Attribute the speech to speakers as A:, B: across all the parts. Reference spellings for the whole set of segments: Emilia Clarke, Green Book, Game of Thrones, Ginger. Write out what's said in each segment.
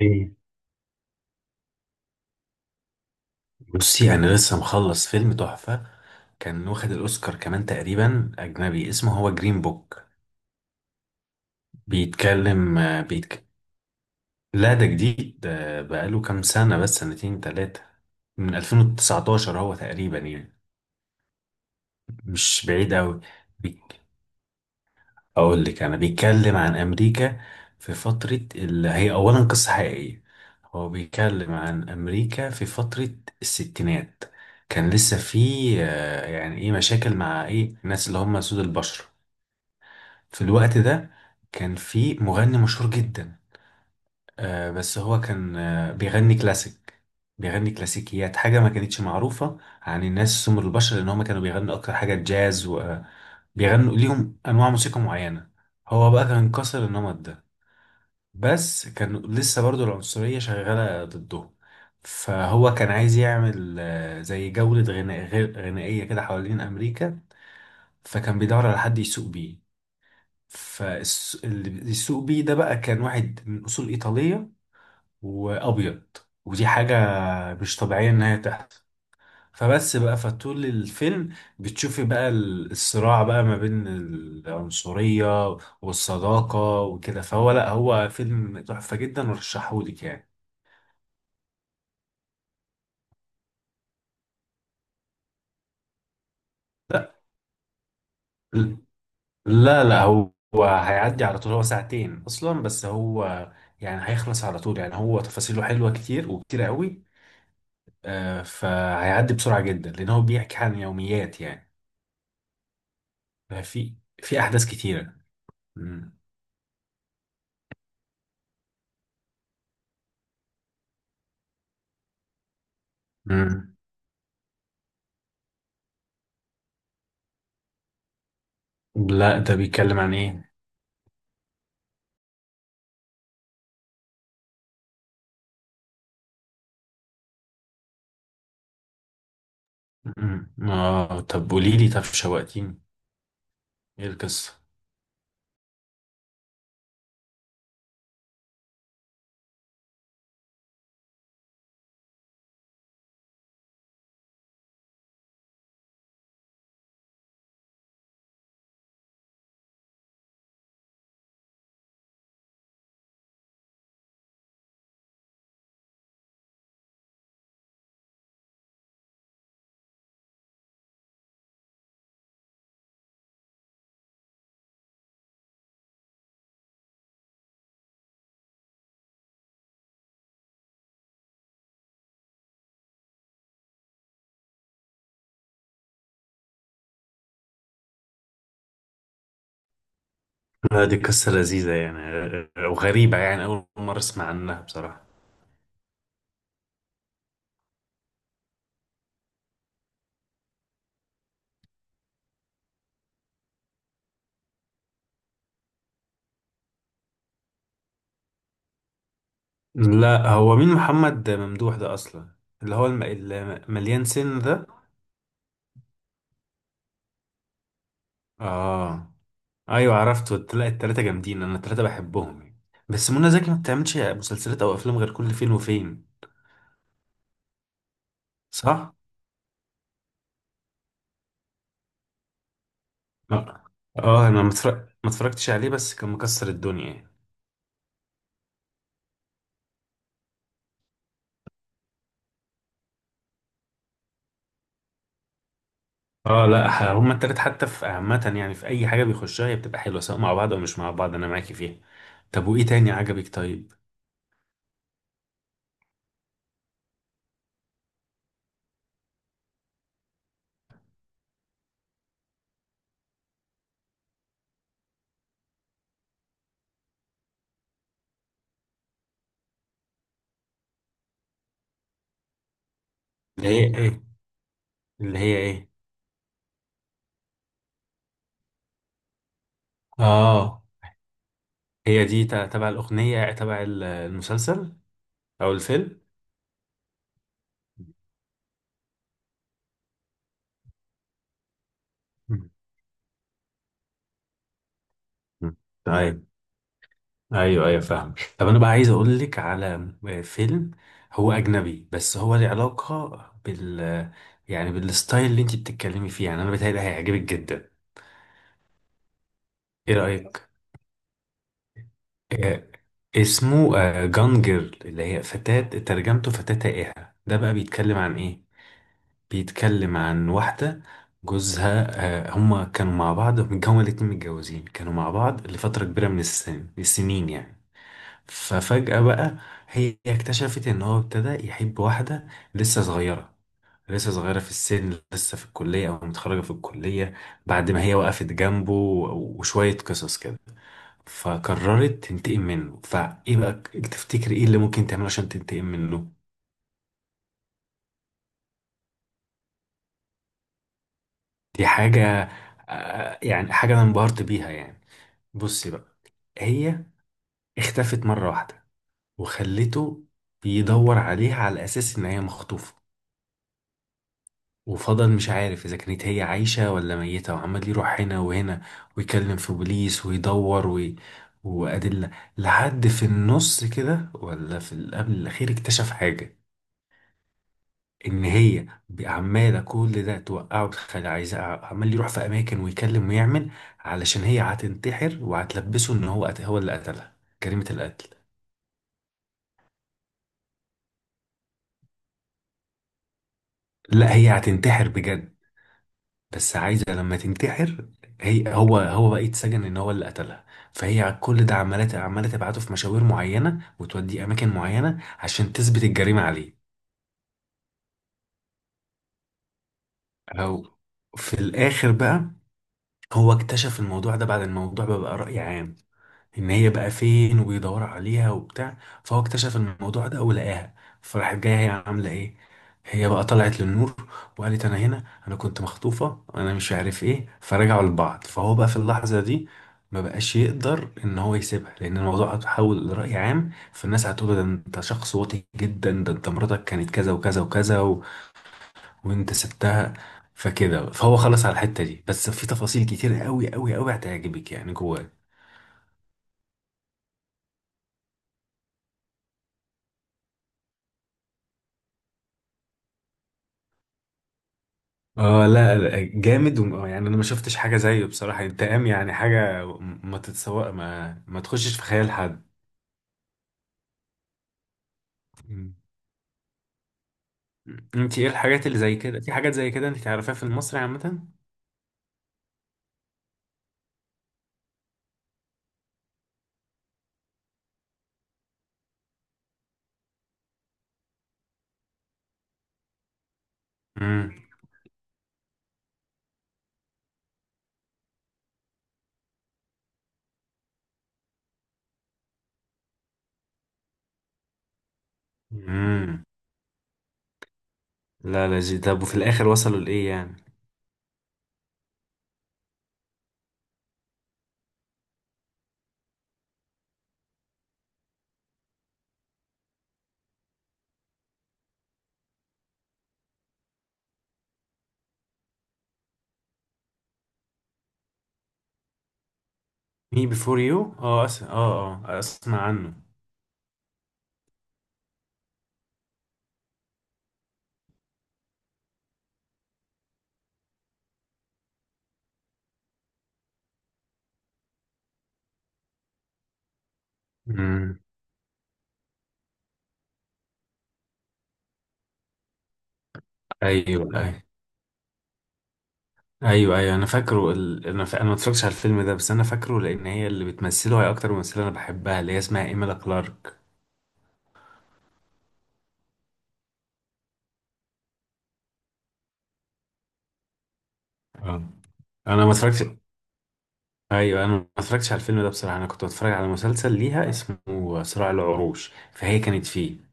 A: ايه. بصي، انا لسه مخلص فيلم تحفة. كان واخد الاوسكار كمان تقريبا، اجنبي، اسمه هو جرين بوك. بيتكلم آه، بيتك... لا، ده جديد، ده بقاله كام سنة، بس سنتين تلاتة، من 2019 هو تقريبا يعني. مش بعيد قوي. اقول لك، انا بيتكلم عن امريكا في فترة، اللي هي اولا قصة حقيقية. هو بيتكلم عن امريكا في فترة الستينات. كان لسه في يعني ايه، مشاكل مع ايه الناس اللي هم سود البشر في الوقت ده. كان في مغني مشهور جدا، بس هو كان بيغني كلاسيك، بيغني كلاسيكيات، حاجة ما كانتش معروفة عن الناس سمر البشر، لأن هما كانوا بيغنوا أكتر حاجة جاز وبيغنوا ليهم أنواع موسيقى معينة. هو بقى كان كسر النمط ده، بس كان لسه برضو العنصرية شغالة ضده. فهو كان عايز يعمل زي جولة غناء غنائية كده حوالين أمريكا. فكان بيدور على حد يسوق بيه. فاللي بيسوق بيه ده بقى كان واحد من أصول إيطالية، وابيض. ودي حاجه مش طبيعيه ان هي تحصل. فبس بقى، فطول الفيلم بتشوفي بقى الصراع بقى ما بين العنصريه والصداقه وكده. فهو لا، هو فيلم تحفه جدا، ورشحهولك يعني. لا. لا لا، هو هيعدي على طول، هو ساعتين اصلا، بس هو يعني هيخلص على طول يعني. هو تفاصيله حلوه كتير وكتير قوي. فهيعدي بسرعه جدا لان هو بيحكي عن يوميات يعني. في، في احداث كتيره. مم. لا، ده بيتكلم عن ايه؟ مم. اه طب قولي لي، طب شوقتيني. ايه القصة؟ لا، دي قصة لذيذة يعني، وغريبة يعني، أول مرة أسمع عنها بصراحة. لا، هو مين محمد ممدوح ده أصلا؟ اللي هو المليان سن ده. آه. أيوة، عرفته. لا، التلاتة جامدين، أنا التلاتة بحبهم يعني. بس منى زكي ما بتعملش مسلسلات أو أفلام غير كل فين وفين. صح؟ آه آه، أنا ما متفرق... ما اتفرجتش عليه، بس كان مكسر الدنيا يعني. اه، لا، هما التلات حتى في عامة يعني، في أي حاجة بيخشها هي بتبقى حلوة، سواء مع بعض أو مش مع بعض، أنا معاكي فيها. طب وإيه تاني عجبك طيب؟ اللي هي إيه؟ اللي هي إيه؟ آه هي دي تبع الأغنية، تبع المسلسل أو الفيلم؟ مم. مم. طيب. أيوه أيوه، فاهم. طب أنا بقى عايز أقول لك على فيلم. هو أجنبي بس هو له علاقة بال، يعني بالستايل اللي أنت بتتكلمي فيه يعني، أنا بتهيألي هيعجبك جدا. إيه رأيك؟ آه، اسمه جانجر، اللي هي فتاة، ترجمته فتاة تائهة. ده بقى بيتكلم عن ايه؟ بيتكلم عن واحدة جوزها، هما كانوا مع بعض، هما الاتنين متجوزين كانوا مع بعض لفترة كبيرة من السنين يعني. ففجأة بقى، هي اكتشفت ان هو ابتدى يحب واحدة لسه صغيرة، لسه صغيرة في السن، لسه في الكلية أو متخرجة في الكلية، بعد ما هي وقفت جنبه وشوية قصص كده. فقررت تنتقم منه. فايه بقى تفتكر ايه اللي ممكن تعمله عشان تنتقم منه؟ دي حاجة يعني حاجة انا انبهرت بيها يعني. بصي بقى، هي اختفت مرة واحدة، وخلته بيدور عليها على اساس ان هي مخطوفة، وفضل مش عارف اذا كانت هي عايشة ولا ميتة، وعمال يروح هنا وهنا، ويكلم في بوليس ويدور وأدلة. لحد في النص كده ولا في قبل الأخير، اكتشف حاجة، ان هي عماله كل ده توقعه، تخلي، عايزه عمال يروح في اماكن ويكلم ويعمل، علشان هي هتنتحر وهتلبسه ان هو هو اللي قتلها، جريمه القتل. لا، هي هتنتحر بجد، بس عايزه لما تنتحر، هي هو بقى يتسجن ان هو اللي قتلها. فهي على كل ده عماله تبعته في مشاوير معينه، وتوديه اماكن معينه عشان تثبت الجريمه عليه. او، في الاخر بقى، هو اكتشف الموضوع ده بعد الموضوع، بقى رأي عام ان هي بقى فين، وبيدور عليها وبتاع. فهو اكتشف الموضوع ده ولقاها. فراحت، جايه هي عامله ايه، هي بقى طلعت للنور وقالت انا هنا، انا كنت مخطوفه، انا مش عارف ايه، فرجعوا لبعض. فهو بقى في اللحظه دي ما بقاش يقدر ان هو يسيبها، لان الموضوع اتحول لرأي عام، فالناس هتقول ده انت شخص واطي جدا، ده انت مراتك كانت كذا وكذا وكذا و... وانت سبتها. فكده فهو خلص على الحته دي. بس في تفاصيل كتير قوي قوي قوي هتعجبك يعني جواه. اه، لا لا، جامد يعني انا ما شفتش حاجه زيه بصراحه. انتقام يعني، حاجه ما تتسوق، ما تخشش في خيال حد. مم. انت ايه الحاجات اللي زي كده؟ في حاجات زي كده انت تعرفيها في المصري عامه؟ امم. امم. لا، لا جي. طب وفي الاخر وصلوا لايه يعني؟ مي بيفور يو. اه، اه اه، اسمع عنه. امم. ايوه ايوه. ايوه ايوه، انا فاكره انا ما اتفرجتش على الفيلم ده، بس انا فاكره لان هي اللي بتمثله، هي اكتر ممثله انا بحبها، اللي هي اسمها ايميلا كلارك. انا ما اتفرجتش. ايوه، انا ما اتفرجتش على الفيلم ده بصراحه. انا كنت بتفرج على مسلسل ليها اسمه صراع العروش، فهي كانت فيه.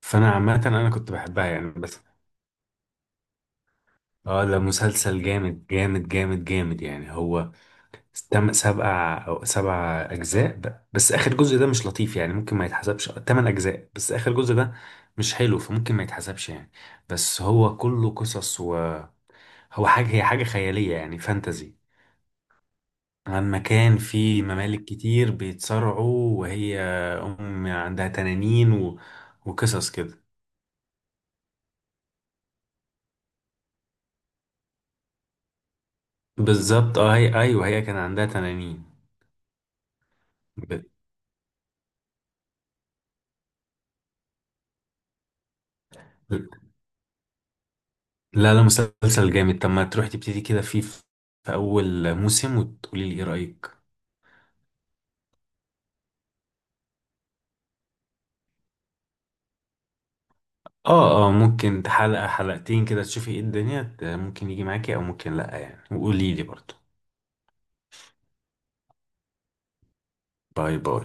A: فانا عامه انا كنت بحبها يعني. بس اه، ده مسلسل جامد جامد جامد جامد يعني. هو تم سبع او 7 اجزاء، بس اخر جزء ده مش لطيف يعني، ممكن ما يتحسبش، 8 اجزاء، بس اخر جزء ده مش حلو فممكن ما يتحسبش يعني. بس هو كله قصص، وهو حاجه، هي حاجه خياليه يعني، فانتزي عن مكان فيه ممالك كتير بيتصارعوا، وهي أم عندها تنانين و... وقصص كده. بالظبط، اه هي أيوه، هي كان عندها تنانين. ب... لا لا، مسلسل جامد. طب ما تروح تبتدي كده فيه، في في أول موسم، وتقولي لي إيه رأيك. اه اه، ممكن حلقة حلقتين كده تشوفي ايه الدنيا، ممكن يجي معاكي أو ممكن لأ يعني، وقولي لي برضه. باي باي.